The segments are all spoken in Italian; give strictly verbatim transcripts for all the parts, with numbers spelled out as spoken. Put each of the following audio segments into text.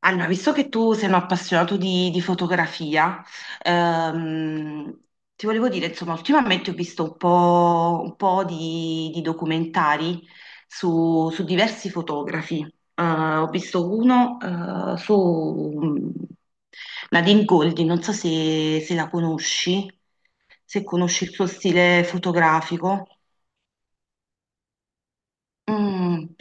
Allora, visto che tu sei un appassionato di, di fotografia, ehm, ti volevo dire, insomma, ultimamente ho visto un po', un po' di, di documentari su, su diversi fotografi. Eh, ho visto uno, eh, su mm, Nadine Goldin, non so se, se la conosci, se conosci il suo stile fotografico. Mm.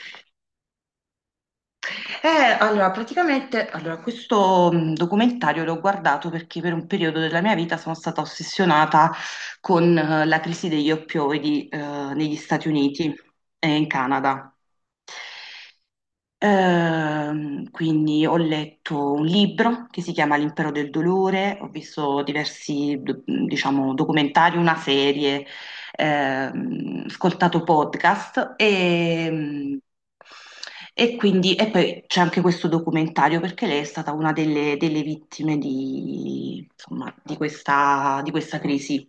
Eh, allora, praticamente, allora, questo mh, documentario l'ho guardato perché per un periodo della mia vita sono stata ossessionata con eh, la crisi degli oppioidi eh, negli Stati Uniti e in Canada. Ehm, quindi ho letto un libro che si chiama L'impero del dolore, ho visto diversi, do- diciamo, documentari, una serie, ehm, ascoltato podcast e, e quindi e poi c'è anche questo documentario perché lei è stata una delle, delle vittime di, insomma, di questa, di questa crisi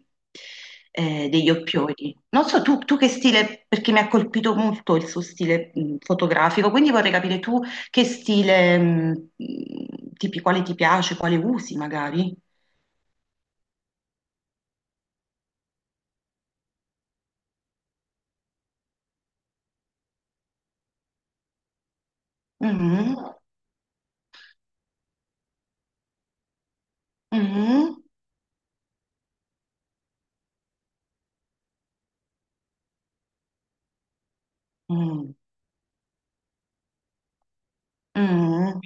eh, degli oppioidi. Non so tu, tu che stile, perché mi ha colpito molto il suo stile mh, fotografico, quindi vorrei capire tu che stile, mh, mh, tipi, quale ti piace, quale usi magari. Mhm, mhm, mm, mm.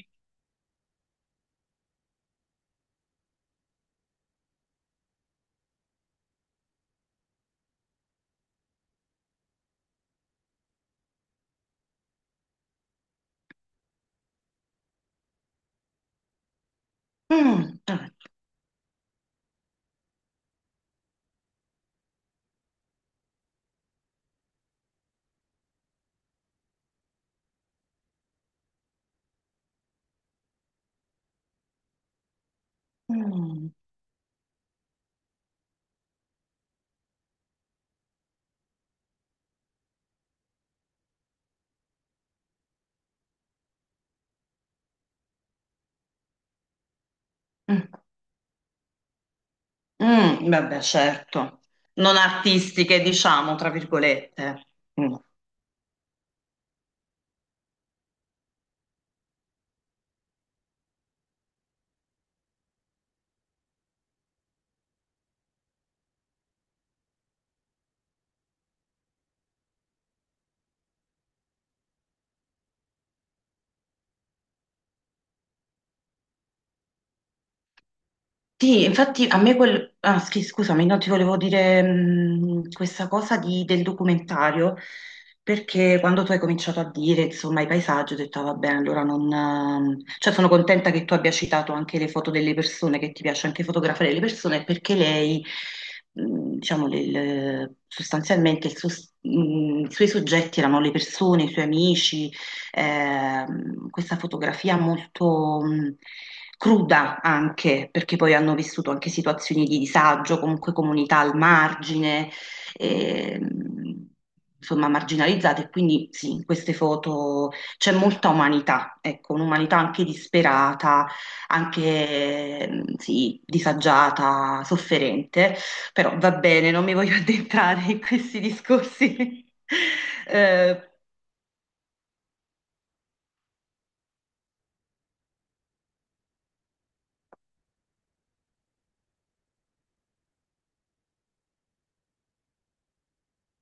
Mm, mm, mm, mm, mm, vabbè, certo, non artistiche, diciamo, tra virgolette. Mm. Sì, infatti a me quel... Ah, sì, scusami, no, ti volevo dire, mh, questa cosa di- del documentario, perché quando tu hai cominciato a dire, insomma, i paesaggi, ho detto, "Ah, va bene, allora non... ehm", Cioè, sono contenta che tu abbia citato anche le foto delle persone, che ti piace anche fotografare le persone, perché lei, mh, diciamo, le- le- sostanzialmente il suo- s- mh, i suoi soggetti erano le persone, i suoi amici, ehm, questa fotografia molto mh, cruda anche, perché poi hanno vissuto anche situazioni di disagio, comunque comunità al margine, ehm, insomma marginalizzate, e quindi sì, in queste foto c'è molta umanità, ecco, un'umanità anche disperata, anche ehm, sì, disagiata, sofferente, però va bene, non mi voglio addentrare in questi discorsi. Eh,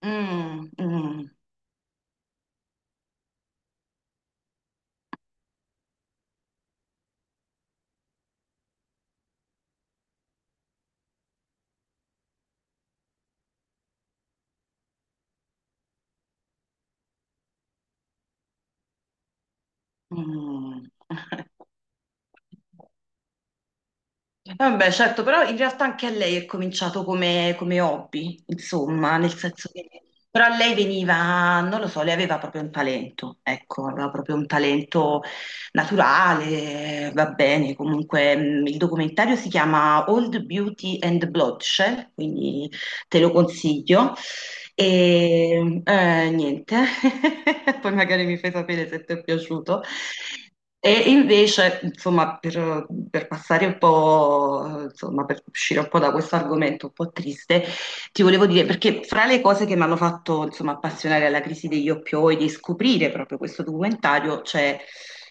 mm, mm. Mm. Vabbè, certo, però in realtà anche a lei è cominciato come, come hobby, insomma, nel senso che però a lei veniva, non lo so, lei aveva proprio un talento, ecco, aveva proprio un talento naturale, va bene, comunque mh, il documentario si chiama Old Beauty and Bloodshed, quindi te lo consiglio. E eh, niente, poi magari mi fai sapere se ti è piaciuto. E invece, insomma, per, per passare un po', insomma, per uscire un po' da questo argomento un po' triste, ti volevo dire, perché fra le cose che mi hanno fatto, insomma, appassionare alla crisi degli oppioidi e scoprire proprio questo documentario c'è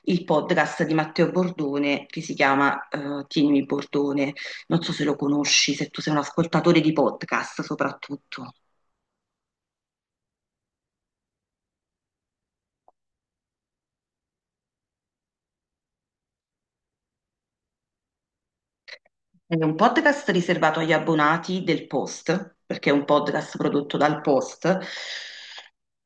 il podcast di Matteo Bordone che si chiama eh, Tienimi Bordone. Non so se lo conosci, se tu sei un ascoltatore di podcast soprattutto. È un podcast riservato agli abbonati del Post, perché è un podcast prodotto dal Post.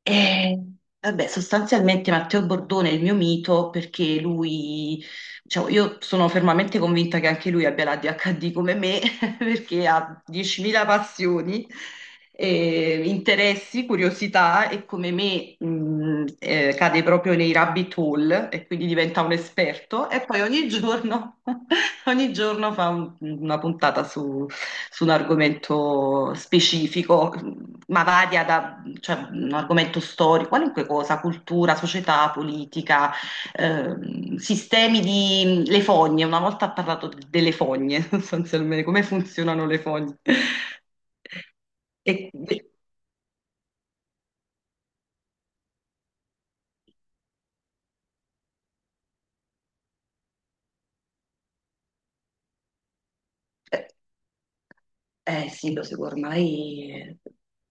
E vabbè, sostanzialmente Matteo Bordone è il mio mito perché lui, diciamo, io sono fermamente convinta che anche lui abbia la dhd come me, perché ha diecimila passioni, eh, interessi, curiosità e come me, mh, eh, cade proprio nei rabbit hole e quindi diventa un esperto e poi ogni giorno, ogni giorno fa un- una puntata su, su un argomento specifico, ma varia, cioè, un argomento storico, qualunque cosa, cultura, società, politica, ehm, sistemi di... le fogne, una volta ha parlato d- delle fogne, sostanzialmente, come funzionano le fogne. E- eh, eh, sì, lo seguo ormai,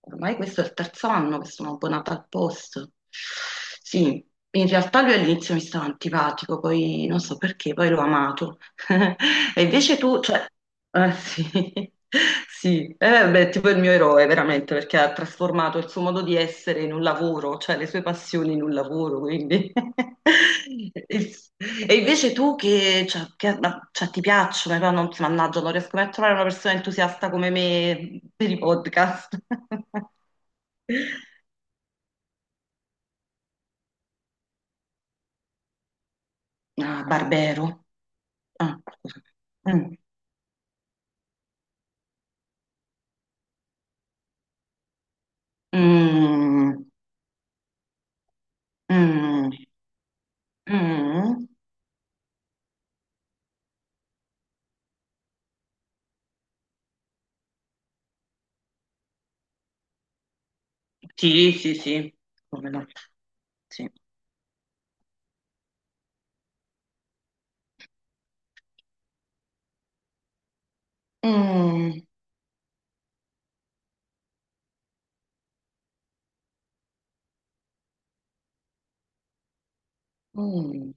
ormai questo è il terzo anno che sono abbonata al Post. Sì, in realtà lui all'inizio mi stava antipatico, poi non so perché, poi l'ho amato. E invece tu, cioè, ah sì, sì, eh, beh, tipo il mio eroe veramente perché ha trasformato il suo modo di essere in un lavoro, cioè le sue passioni in un lavoro, quindi... E e invece tu che, cioè, che- ma- cioè, ti piacciono, però non, mannaggia, non riesco mai a trovare una persona entusiasta come me per i podcast. Ah, Barbero. Ah, scusa. Mm. Mm. Mm. Mm. Sì, sì, sì, come no. Sì. Mm, mm,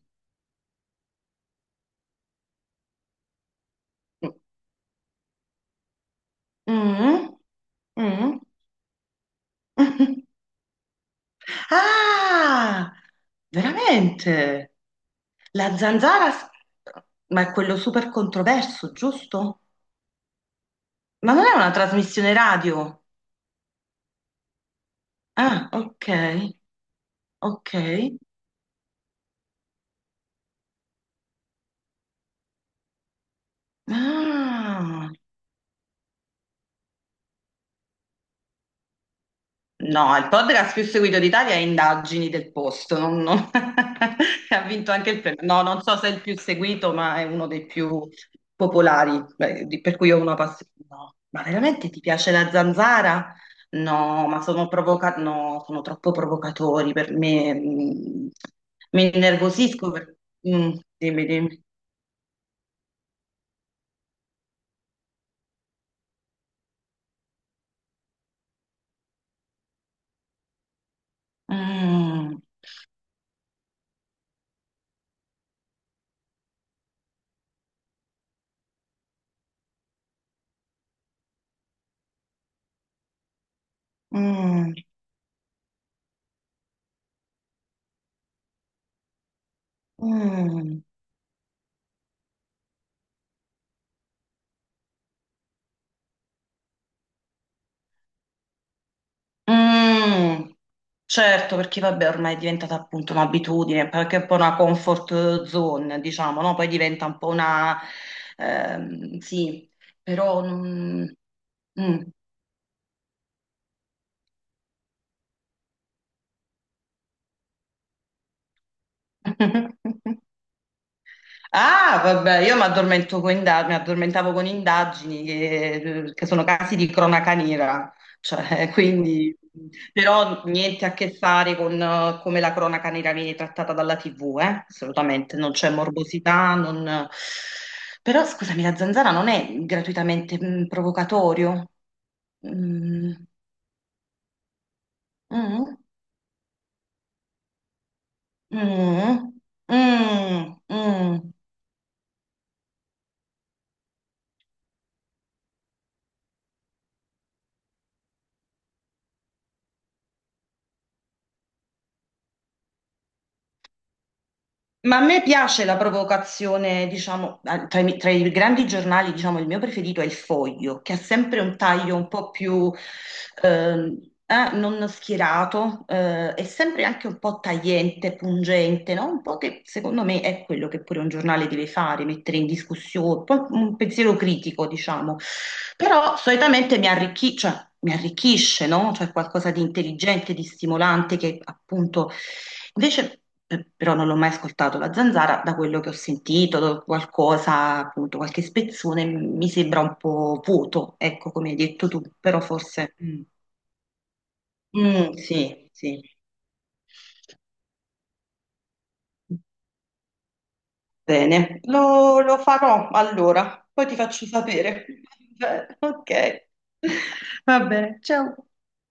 mm, mm. Ah, veramente? La zanzara, s- ma è quello super controverso, giusto? Ma non è una trasmissione radio? Ah, ok, ok. Ah. No, il podcast più seguito d'Italia è Indagini del Posto, non- non- ha vinto anche il premio. No, non so se è il più seguito, ma è uno dei più popolari, beh, di- per cui ho una passione. No, ma veramente ti piace la zanzara? No, ma sono provoca- no, sono troppo provocatori per me. Mm, mi innervosisco per... Mm, dimmi, dimmi. Mm, mm, mm, mm. Certo, perché vabbè, ormai è diventata appunto un'abitudine, perché è un po' una comfort zone, diciamo, no? Poi diventa un po' una... ehm, sì, però... non- mm. Ah, vabbè, io mi addormento con inda- mi addormentavo con indagini che, che sono casi di cronaca nera, cioè, quindi, però niente a che fare con eh, come la cronaca nera viene trattata dalla tivù, eh? Assolutamente, non c'è morbosità, non... Però scusami, la zanzara non è gratuitamente mm, provocatorio? Mm, mm, mm, mm, mm. Mm. Ma a me piace la provocazione, diciamo, eh, tra i, tra i grandi giornali, diciamo, il mio preferito è il Foglio, che ha sempre un taglio un po' più ehm, eh, non schierato, eh, è sempre anche un po' tagliente, pungente, no? Un po' che secondo me è quello che pure un giornale deve fare, mettere in discussione, un po' un pensiero critico, diciamo. Però solitamente mi arricchi- cioè, mi arricchisce, no? Cioè qualcosa di intelligente, di stimolante, che appunto... Invece eh, però non l'ho mai ascoltato la zanzara, da quello che ho sentito, do- qualcosa, appunto, qualche spezzone m- mi sembra un po' vuoto, ecco come hai detto tu, però forse... mm, mm, sì, sì, bene, lo, lo farò allora, poi ti faccio sapere. Ok, va bene, ciao.